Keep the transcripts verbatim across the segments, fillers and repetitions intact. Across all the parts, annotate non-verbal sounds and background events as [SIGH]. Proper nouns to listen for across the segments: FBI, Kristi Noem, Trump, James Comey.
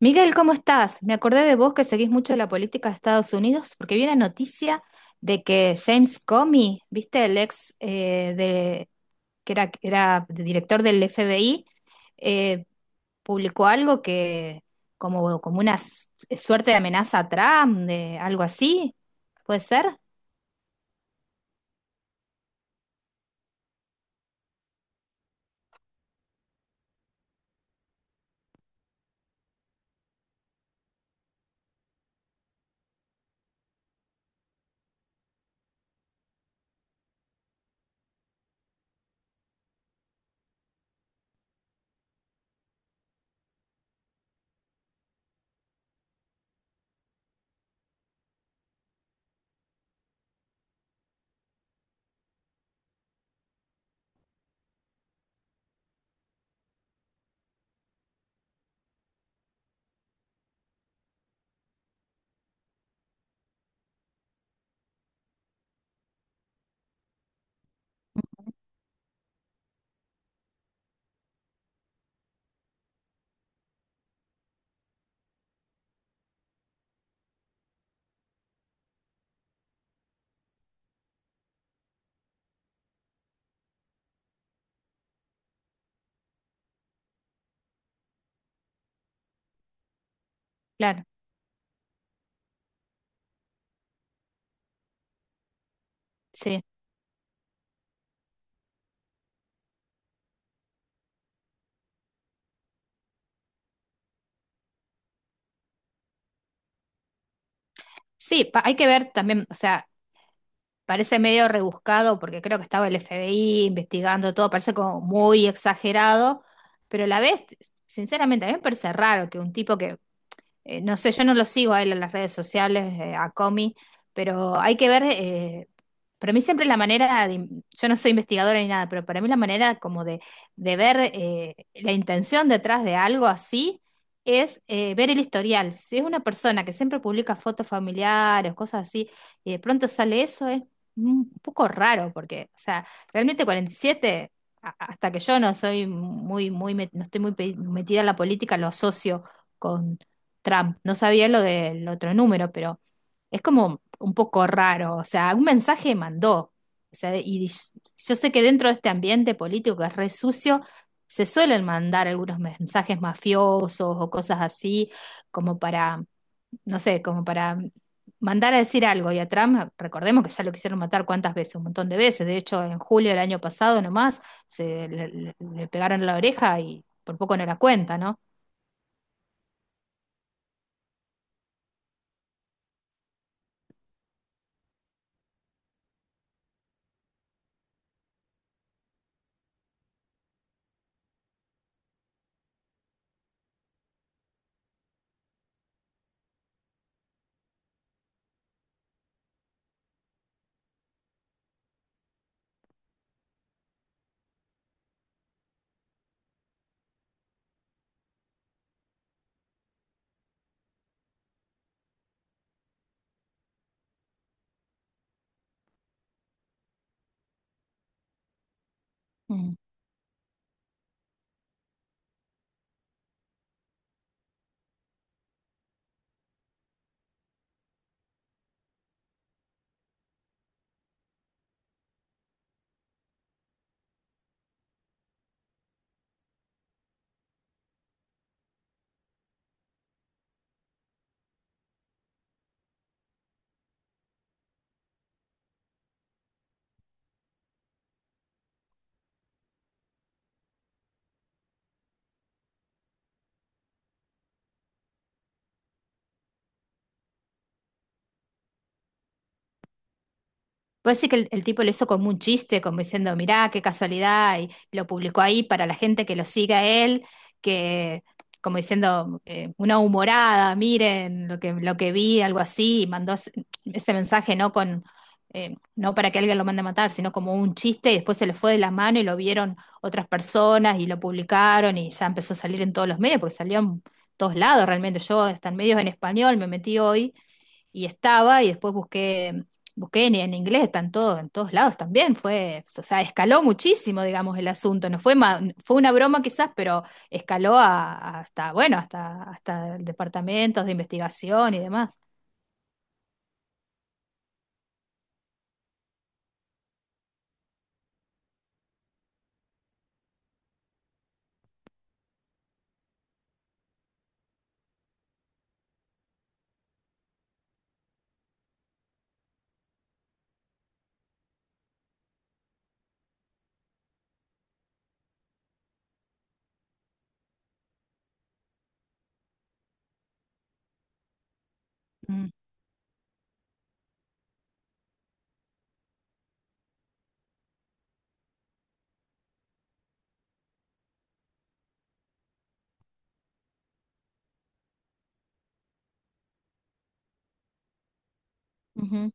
Miguel, ¿cómo estás? Me acordé de vos que seguís mucho la política de Estados Unidos porque vi la noticia de que James Comey, viste, el ex eh, de, que era, era director del F B I, eh, publicó algo que como, como una su- suerte de amenaza a Trump, de algo así. ¿Puede ser? Claro, sí. Sí, pa- hay que ver también, o sea, parece medio rebuscado porque creo que estaba el F B I investigando todo, parece como muy exagerado, pero a la vez, sinceramente, a mí me parece raro que un tipo que eh, no sé, yo no lo sigo a él en las redes sociales, eh, a Comi, pero hay que ver, eh, para mí siempre la manera, de, yo no soy investigadora ni nada, pero para mí la manera como de, de ver eh, la intención detrás de algo así es eh, ver el historial. Si es una persona que siempre publica fotos familiares, cosas así, y de pronto sale eso, es un poco raro, porque, o sea, realmente cuarenta y siete... a- Hasta que yo no soy muy, muy, met- no estoy muy pe- metida en la política, lo asocio Trump. No sabía lo del otro número, pero es como un poco raro. O sea, un mensaje mandó. O sea, y yo sé que dentro de este ambiente político que es re sucio, se suelen mandar algunos mensajes mafiosos o cosas así, como para, no sé, como para mandar a decir algo. Y a Trump, recordemos que ya lo quisieron matar cuántas veces, un montón de veces. De hecho, en julio del año pasado nomás, se le, le- le pegaron en la oreja y por poco no la cuenta, ¿no? Mm. Puede ser que el, el tipo lo hizo como un chiste, como diciendo, mirá, qué casualidad, y lo publicó ahí para la gente que lo siga a él, que como diciendo, eh, una humorada, miren lo que, lo que vi, algo así, y mandó ese ese mensaje no con, eh, no para que alguien lo mande a matar, sino como un chiste, y después se le fue de la mano y lo vieron otras personas y lo publicaron y ya empezó a salir en todos los medios, porque salió en todos lados realmente. Yo hasta en medios en español me metí hoy y estaba, y después busqué, busqué en, en inglés, están todos, en todos lados también, fue, o sea, escaló muchísimo, digamos, el asunto, no fue, ma- fue una broma quizás, pero escaló a- a hasta, bueno, hasta, hasta departamentos de investigación y demás. Mm. Ujú.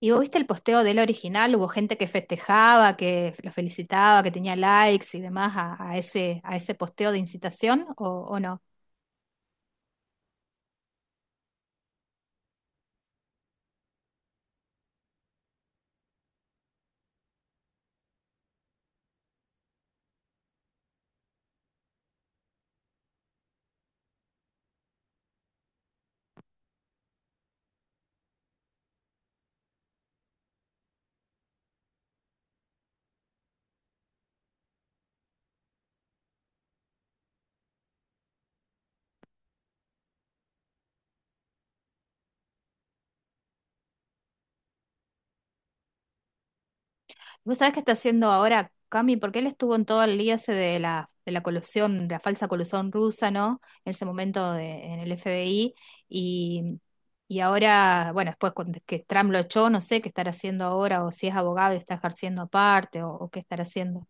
¿Y vos viste el posteo del original? Hubo gente que festejaba, que lo felicitaba, que tenía likes y demás a, a ese, a ese posteo de incitación, ¿o, o no? ¿Vos sabés qué está haciendo ahora Cami? Porque él estuvo en todo el lío ese de la, de la colusión, de la falsa colusión rusa, ¿no? En ese momento de- en el F B I. Y, y ahora, bueno, después con- que Trump lo echó, no sé qué estará haciendo ahora, o si es abogado y está ejerciendo aparte, o, o qué estará haciendo.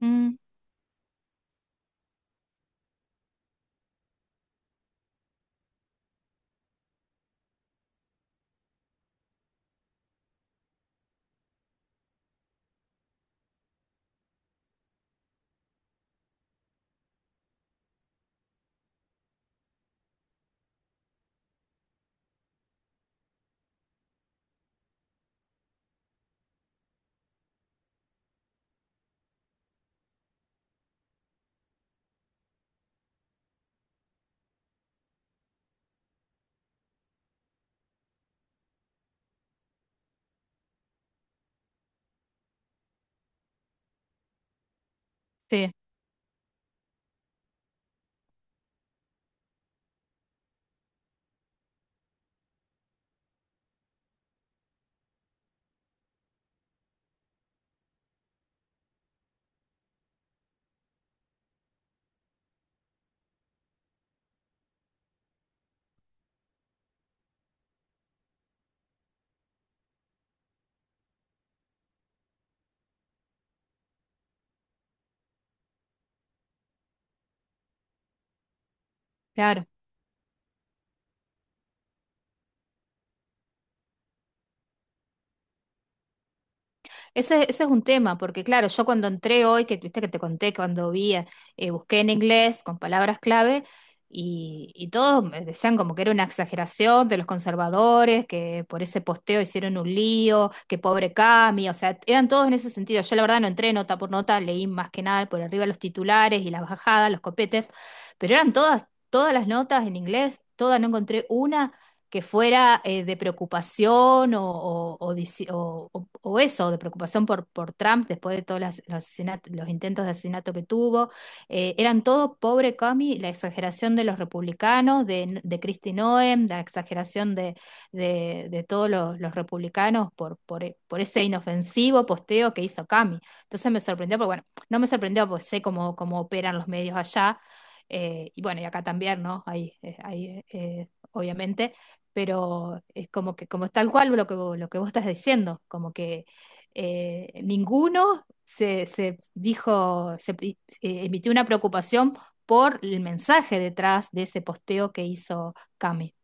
Mm, sí, claro. Ese, ese es un tema, porque claro, yo cuando entré hoy, que viste que te conté, cuando vi, eh, eh, busqué en inglés con palabras clave y, y todos me decían como que era una exageración de los conservadores, que por ese posteo hicieron un lío, que pobre Cami, o sea, eran todos en ese sentido. Yo la verdad no entré nota por nota, leí más que nada por arriba los titulares y las bajadas, los copetes, pero eran todas, todas las notas en inglés, todas, no encontré una que fuera eh, de preocupación o, o- o dici- o- o- o eso, de preocupación por, por Trump después de todos las- los, asesinatos- los intentos de asesinato que tuvo. Eh, eran todos pobre Cami, la exageración de los republicanos, de, de Kristi Noem, la exageración de, de- de todos los, los republicanos por, por, e- por ese inofensivo posteo que hizo Cami. Entonces me sorprendió, porque bueno, no me sorprendió porque sé cómo, cómo operan los medios allá. Eh, y bueno, y acá también, ¿no? Hay, eh, hay eh, obviamente, pero es como que, como tal cual lo que, vos- lo que vos estás diciendo, como que eh, ninguno se, se dijo, se eh, emitió una preocupación por el mensaje detrás de ese posteo que hizo Cami.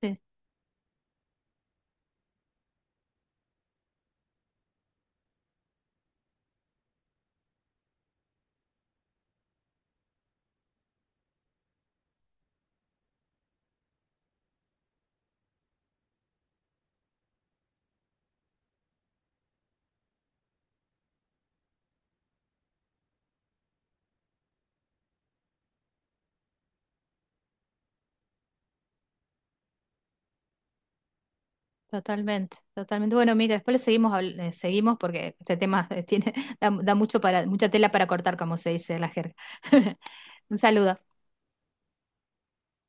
Sí, totalmente, totalmente. Bueno, amiga, después le seguimos, habl- eh, seguimos porque este tema eh, tiene, [LAUGHS] da, da mucho para, mucha tela para cortar, como se dice en la jerga. [LAUGHS] Un saludo.